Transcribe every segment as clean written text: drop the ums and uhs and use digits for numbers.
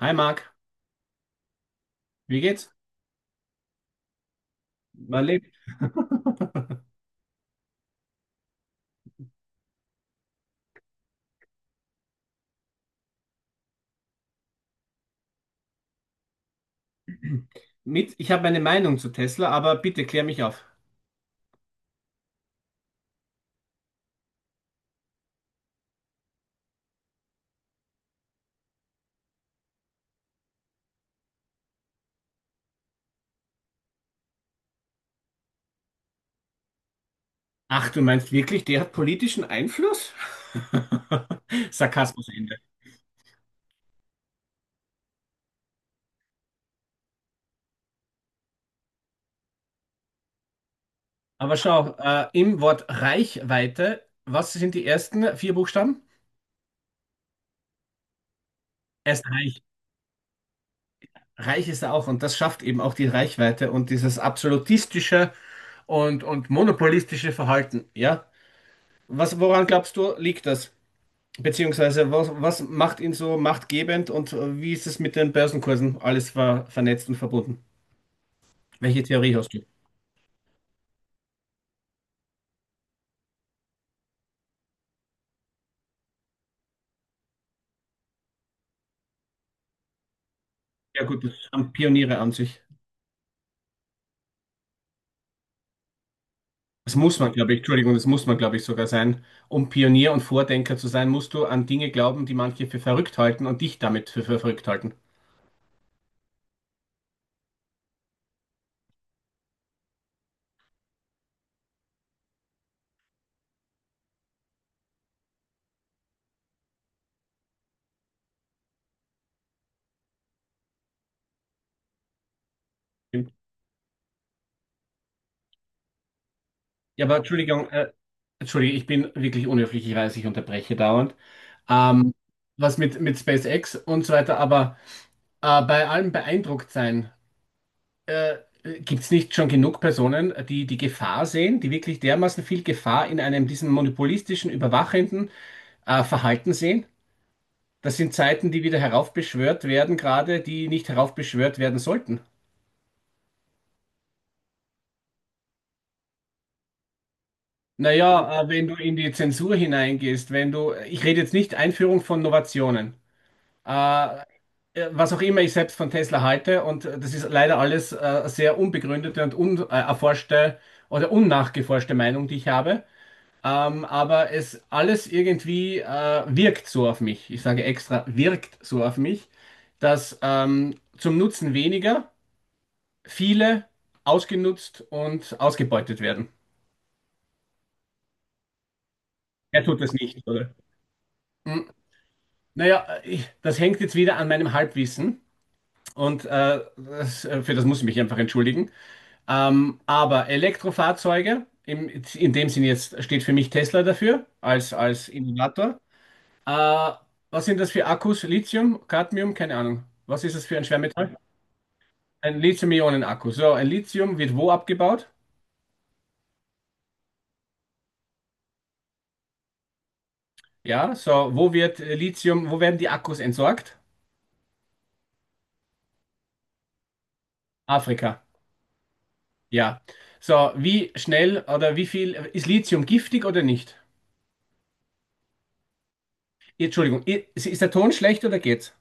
Hi Marc, wie geht's? Man lebt mit. Ich habe meine Meinung zu Tesla, aber bitte klär mich auf. Ach, du meinst wirklich, der hat politischen Einfluss? Sarkasmus Ende. Aber schau, im Wort Reichweite, was sind die ersten vier Buchstaben? Er ist reich. Reich ist er auch und das schafft eben auch die Reichweite und dieses absolutistische und monopolistische Verhalten. Ja? Woran glaubst du, liegt das? Beziehungsweise, was macht ihn so machtgebend und wie ist es mit den Börsenkursen? Alles war vernetzt und verbunden. Welche Theorie hast du? Ja gut, das haben Pioniere an sich. Das muss man, glaube ich, Entschuldigung, das muss man, glaube ich, sogar sein. Um Pionier und Vordenker zu sein, musst du an Dinge glauben, die manche für verrückt halten und dich damit für verrückt halten. Stimmt. Ja, aber Entschuldigung, Entschuldigung, ich bin wirklich unhöflich, ich weiß, ich unterbreche dauernd. Ähm, was mit SpaceX und so weiter, aber bei allem beeindruckt sein. Äh, gibt es nicht schon genug Personen, die die Gefahr sehen, die wirklich dermaßen viel Gefahr in einem diesem monopolistischen, überwachenden Verhalten sehen? Das sind Zeiten, die wieder heraufbeschwört werden, gerade die nicht heraufbeschwört werden sollten. Naja, wenn du in die Zensur hineingehst, wenn du, ich rede jetzt nicht Einführung von Innovationen, äh, was auch immer ich selbst von Tesla halte, und das ist leider alles sehr unbegründete und unerforschte oder unnachgeforschte Meinung, die ich habe. Aber es alles irgendwie wirkt so auf mich. Ich sage extra, wirkt so auf mich, dass zum Nutzen weniger viele ausgenutzt und ausgebeutet werden. Er tut das nicht, oder? Hm, naja, ich, das hängt jetzt wieder an meinem Halbwissen und für das muss ich mich einfach entschuldigen. Aber Elektrofahrzeuge, in dem Sinn jetzt steht für mich Tesla dafür als Innovator. Äh, was sind das für Akkus? Lithium, Cadmium, keine Ahnung. Was ist das für ein Schwermetall? Ein Lithium-Ionen-Akku. So, ein Lithium wird wo abgebaut? Ja, so, wo wird wo werden die Akkus entsorgt? Afrika. Ja. So, wie schnell oder wie viel ist Lithium giftig oder nicht? Entschuldigung, ist der Ton schlecht oder geht's?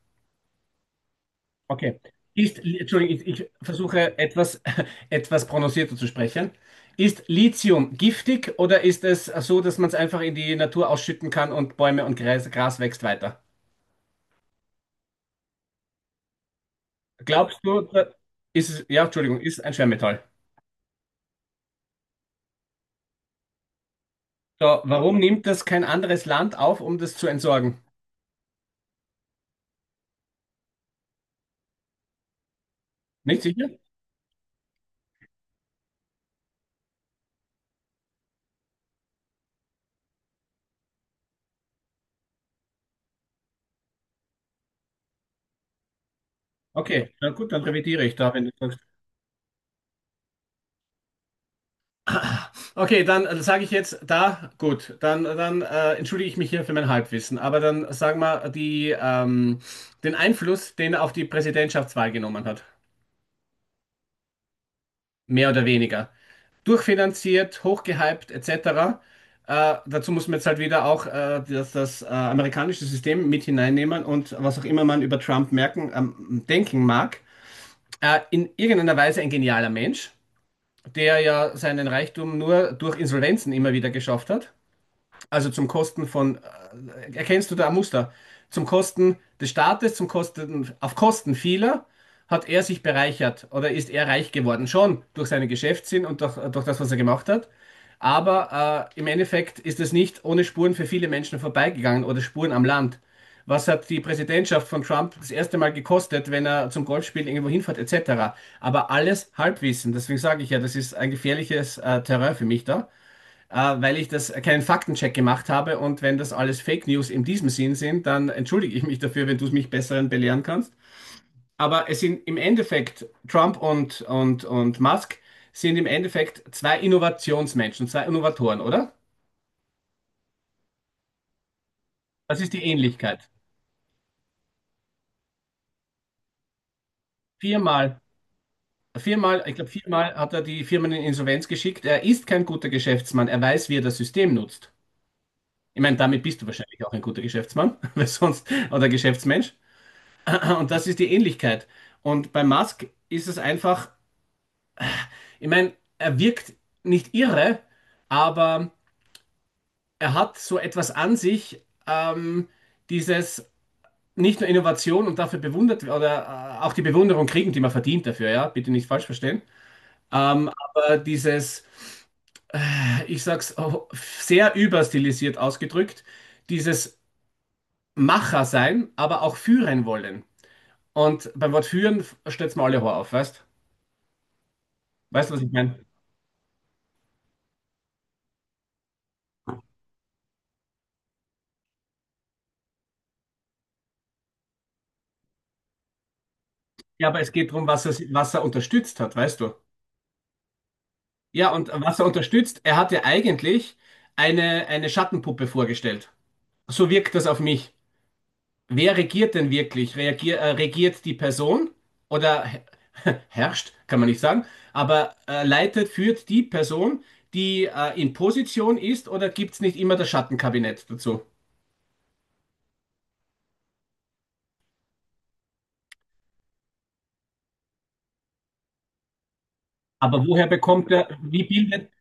Okay. Ist, Entschuldigung, ich versuche etwas, etwas prononcierter zu sprechen. Ist Lithium giftig oder ist es so, dass man es einfach in die Natur ausschütten kann und Bäume und Gras wächst weiter? Glaubst du, da- ist es, ja, Entschuldigung, ist ein Schwermetall. So, warum nimmt das kein anderes Land auf, um das zu entsorgen? Nicht sicher? Okay, na gut, dann revidiere ich da, wenn du sagst. Okay, dann sage ich jetzt da, gut, dann entschuldige ich mich hier für mein Halbwissen, aber dann sagen wir die, den Einfluss, den er auf die Präsidentschaftswahl genommen hat, mehr oder weniger. Durchfinanziert, hochgehypt, etc. Dazu muss man jetzt halt wieder auch das amerikanische System mit hineinnehmen und was auch immer man über Trump denken mag. In irgendeiner Weise ein genialer Mensch, der ja seinen Reichtum nur durch Insolvenzen immer wieder geschafft hat. Also zum Kosten von, erkennst du da ein Muster? Zum Kosten des Staates, zum Kosten, auf Kosten vieler hat er sich bereichert oder ist er reich geworden. Schon durch seinen Geschäftssinn und durch das, was er gemacht hat. Aber im Endeffekt ist es nicht ohne Spuren für viele Menschen vorbeigegangen oder Spuren am Land. Was hat die Präsidentschaft von Trump das erste Mal gekostet, wenn er zum Golfspielen irgendwo hinfährt, etc.? Aber alles Halbwissen. Deswegen sage ich ja, das ist ein gefährliches Terrain für mich da äh, weil ich das keinen Faktencheck gemacht habe. Und wenn das alles Fake News in diesem Sinn sind, dann entschuldige ich mich dafür, wenn du es mich besseren belehren kannst. Aber es sind im Endeffekt Trump und Musk sind im Endeffekt zwei Innovationsmenschen, zwei Innovatoren, oder? Das ist die Ähnlichkeit. Viermal, viermal, ich glaube, viermal hat er die Firmen in Insolvenz geschickt. Er ist kein guter Geschäftsmann. Er weiß, wie er das System nutzt. Ich meine, damit bist du wahrscheinlich auch ein guter Geschäftsmann, weil sonst, oder Geschäftsmensch. Und das ist die Ähnlichkeit. Und bei Musk ist es einfach, ich meine, er wirkt nicht irre, aber er hat so etwas an sich, dieses nicht nur Innovation und dafür bewundert oder auch die Bewunderung kriegen, die man verdient dafür, ja, bitte nicht falsch verstehen. Aber dieses, ich sag's oh, sehr überstilisiert ausgedrückt, dieses Macher sein, aber auch führen wollen. Und beim Wort führen stellt's mir alle Horror auf, weißt? Weißt du, was ich meine? Ja, aber es geht darum, was er unterstützt hat, weißt du? Ja, und was er unterstützt, er hat ja eigentlich eine Schattenpuppe vorgestellt. So wirkt das auf mich. Wer regiert denn wirklich? Regiert die Person oder herrscht, kann man nicht sagen, aber leitet, führt die Person, die in Position ist oder gibt es nicht immer das Schattenkabinett dazu? Aber woher bekommt er, wie bildet,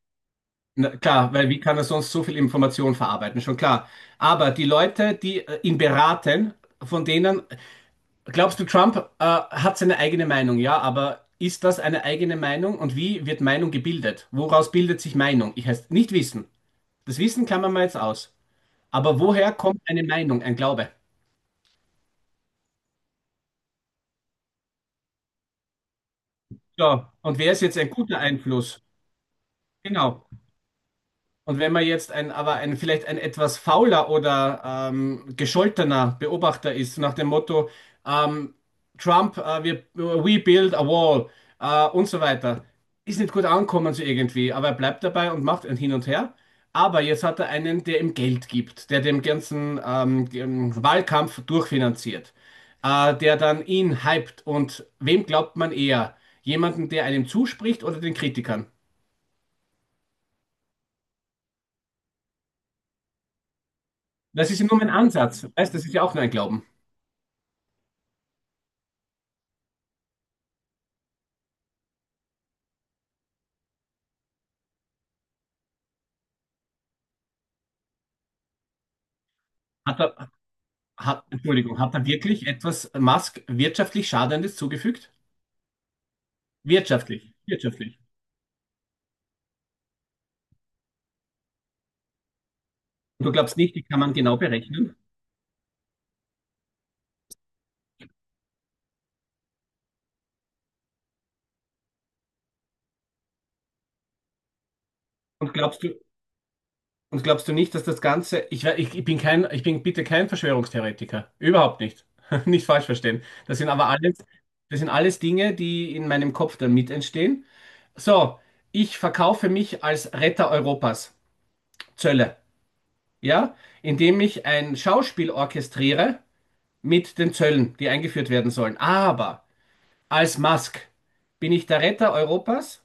na, klar, weil wie kann er sonst so viel Information verarbeiten? Schon klar. Aber die Leute, die ihn beraten, von denen, glaubst du, Trump hat seine eigene Meinung, ja, aber ist das eine eigene Meinung und wie wird Meinung gebildet? Woraus bildet sich Meinung? Ich heißt nicht wissen. Das Wissen klammern wir jetzt aus. Aber woher kommt eine Meinung, ein Glaube? So, und wer ist jetzt ein guter Einfluss? Genau. Und wenn man jetzt ein, aber ein, vielleicht ein etwas fauler oder gescholtener Beobachter ist, nach dem Motto, ähm, Trump, wir, we build a wall und so weiter, ist nicht gut ankommen so irgendwie, aber er bleibt dabei und macht ein Hin und Her. Aber jetzt hat er einen, der ihm Geld gibt, der dem ganzen dem Wahlkampf durchfinanziert, der dann ihn hypt. Und wem glaubt man eher? Jemanden, der einem zuspricht oder den Kritikern? Das ist ja nur mein Ansatz. Weißt, das ist ja auch nur ein Glauben. Hat er, Entschuldigung, hat er wirklich etwas Musk wirtschaftlich Schadendes zugefügt? Wirtschaftlich. Und du glaubst nicht, die kann man genau berechnen? Und glaubst du, und glaubst du nicht, dass das Ganze, ich bin kein, ich bin bitte kein Verschwörungstheoretiker. Überhaupt nicht. Nicht falsch verstehen. Das sind alles Dinge, die in meinem Kopf dann mit entstehen. So, ich verkaufe mich als Retter Europas. Zölle. Ja? Indem ich ein Schauspiel orchestriere, mit den Zöllen, die eingeführt werden sollen. Aber als Musk bin ich der Retter Europas.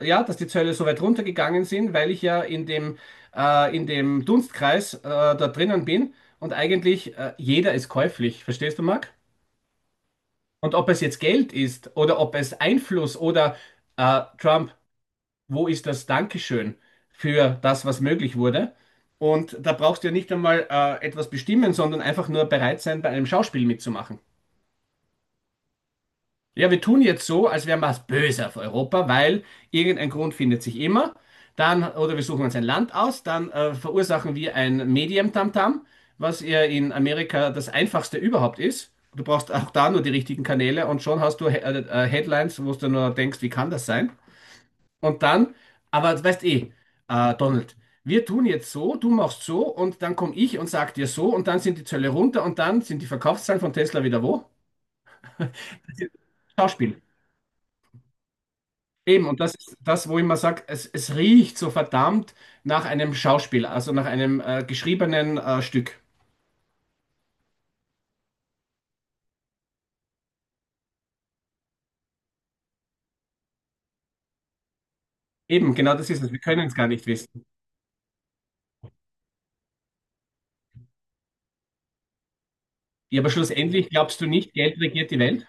Ja, dass die Zölle so weit runtergegangen sind, weil ich ja in dem Dunstkreis da drinnen bin und eigentlich jeder ist käuflich. Verstehst du, Marc? Und ob es jetzt Geld ist oder ob es Einfluss oder Trump, wo ist das Dankeschön für das, was möglich wurde? Und da brauchst du ja nicht einmal etwas bestimmen, sondern einfach nur bereit sein, bei einem Schauspiel mitzumachen. Ja, wir tun jetzt so, als wären wir was böse auf Europa, weil irgendein Grund findet sich immer. Dann, oder wir suchen uns ein Land aus, dann verursachen wir ein Medium-Tamtam, was ja in Amerika das einfachste überhaupt ist. Du brauchst auch da nur die richtigen Kanäle und schon hast du He Headlines, wo du nur denkst, wie kann das sein? Und dann, aber du weißt eh, Donald, wir tun jetzt so, du machst so und dann komme ich und sag dir so und dann sind die Zölle runter und dann sind die Verkaufszahlen von Tesla wieder wo? Schauspiel. Eben, und das ist das, wo ich immer sage, es riecht so verdammt nach einem Schauspiel, also nach einem geschriebenen Stück. Eben, genau das ist es. Wir können es gar nicht wissen. Ja, aber schlussendlich glaubst du nicht, Geld regiert die Welt?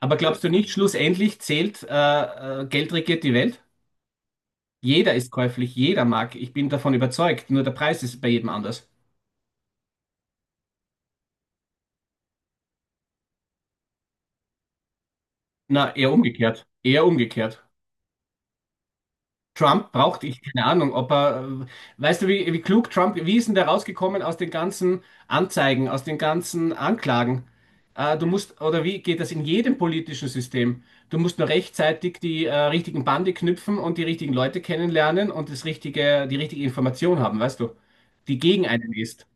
Aber glaubst du nicht, schlussendlich zählt, Geld regiert die Welt? Jeder ist käuflich, jeder mag. Ich bin davon überzeugt. Nur der Preis ist bei jedem anders. Na, eher umgekehrt. Eher umgekehrt. Trump braucht ich keine Ahnung, ob er, weißt du, wie klug Trump, wie ist denn der rausgekommen aus den ganzen Anzeigen, aus den ganzen Anklagen? Du musst, oder wie geht das in jedem politischen System? Du musst nur rechtzeitig die richtigen Bande knüpfen und die richtigen Leute kennenlernen und das richtige, die richtige Information haben, weißt du, die gegen einen ist.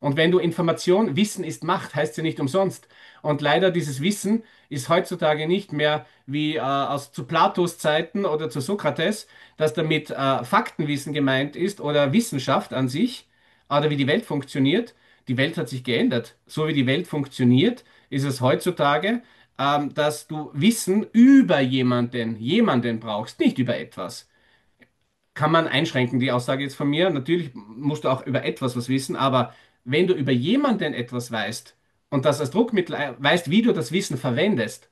Und wenn du Information, Wissen ist Macht, heißt ja nicht umsonst. Und leider dieses Wissen ist heutzutage nicht mehr wie aus zu Platos Zeiten oder zu Sokrates, dass damit Faktenwissen gemeint ist oder Wissenschaft an sich oder wie die Welt funktioniert. Die Welt hat sich geändert. So wie die Welt funktioniert, ist es heutzutage, dass du Wissen über jemanden brauchst, nicht über etwas kann man einschränken, die Aussage jetzt von mir. Natürlich musst du auch über etwas was wissen, aber wenn du über jemanden etwas weißt und das als Druckmittel weißt, wie du das Wissen verwendest,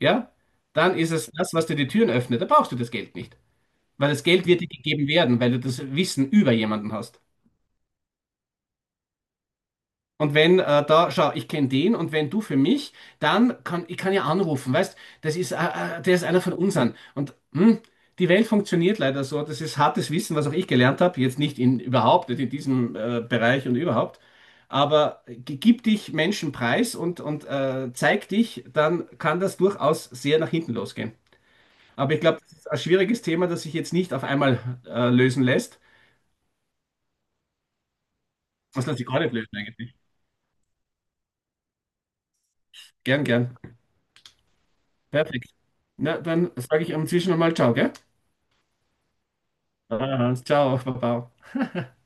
ja, dann ist es das, was dir die Türen öffnet. Da brauchst du das Geld nicht, weil das Geld wird dir gegeben werden, weil du das Wissen über jemanden hast. Und wenn da, schau, ich kenne den und wenn du für mich, dann kann ich kann ja anrufen, weißt, das ist, der ist einer von unseren. Und hm, die Welt funktioniert leider so. Das ist hartes Wissen, was auch ich gelernt habe. Jetzt nicht in überhaupt, nicht in diesem Bereich und überhaupt. Aber gib dich Menschen preis und zeig dich, dann kann das durchaus sehr nach hinten losgehen. Aber ich glaube, das ist ein schwieriges Thema, das sich jetzt nicht auf einmal lösen lässt. Das lässt sich gar nicht lösen eigentlich. Gern, gern. Perfekt. Na, dann sage ich inzwischen einmal Ciao, gell? Ah, ciao, Baba.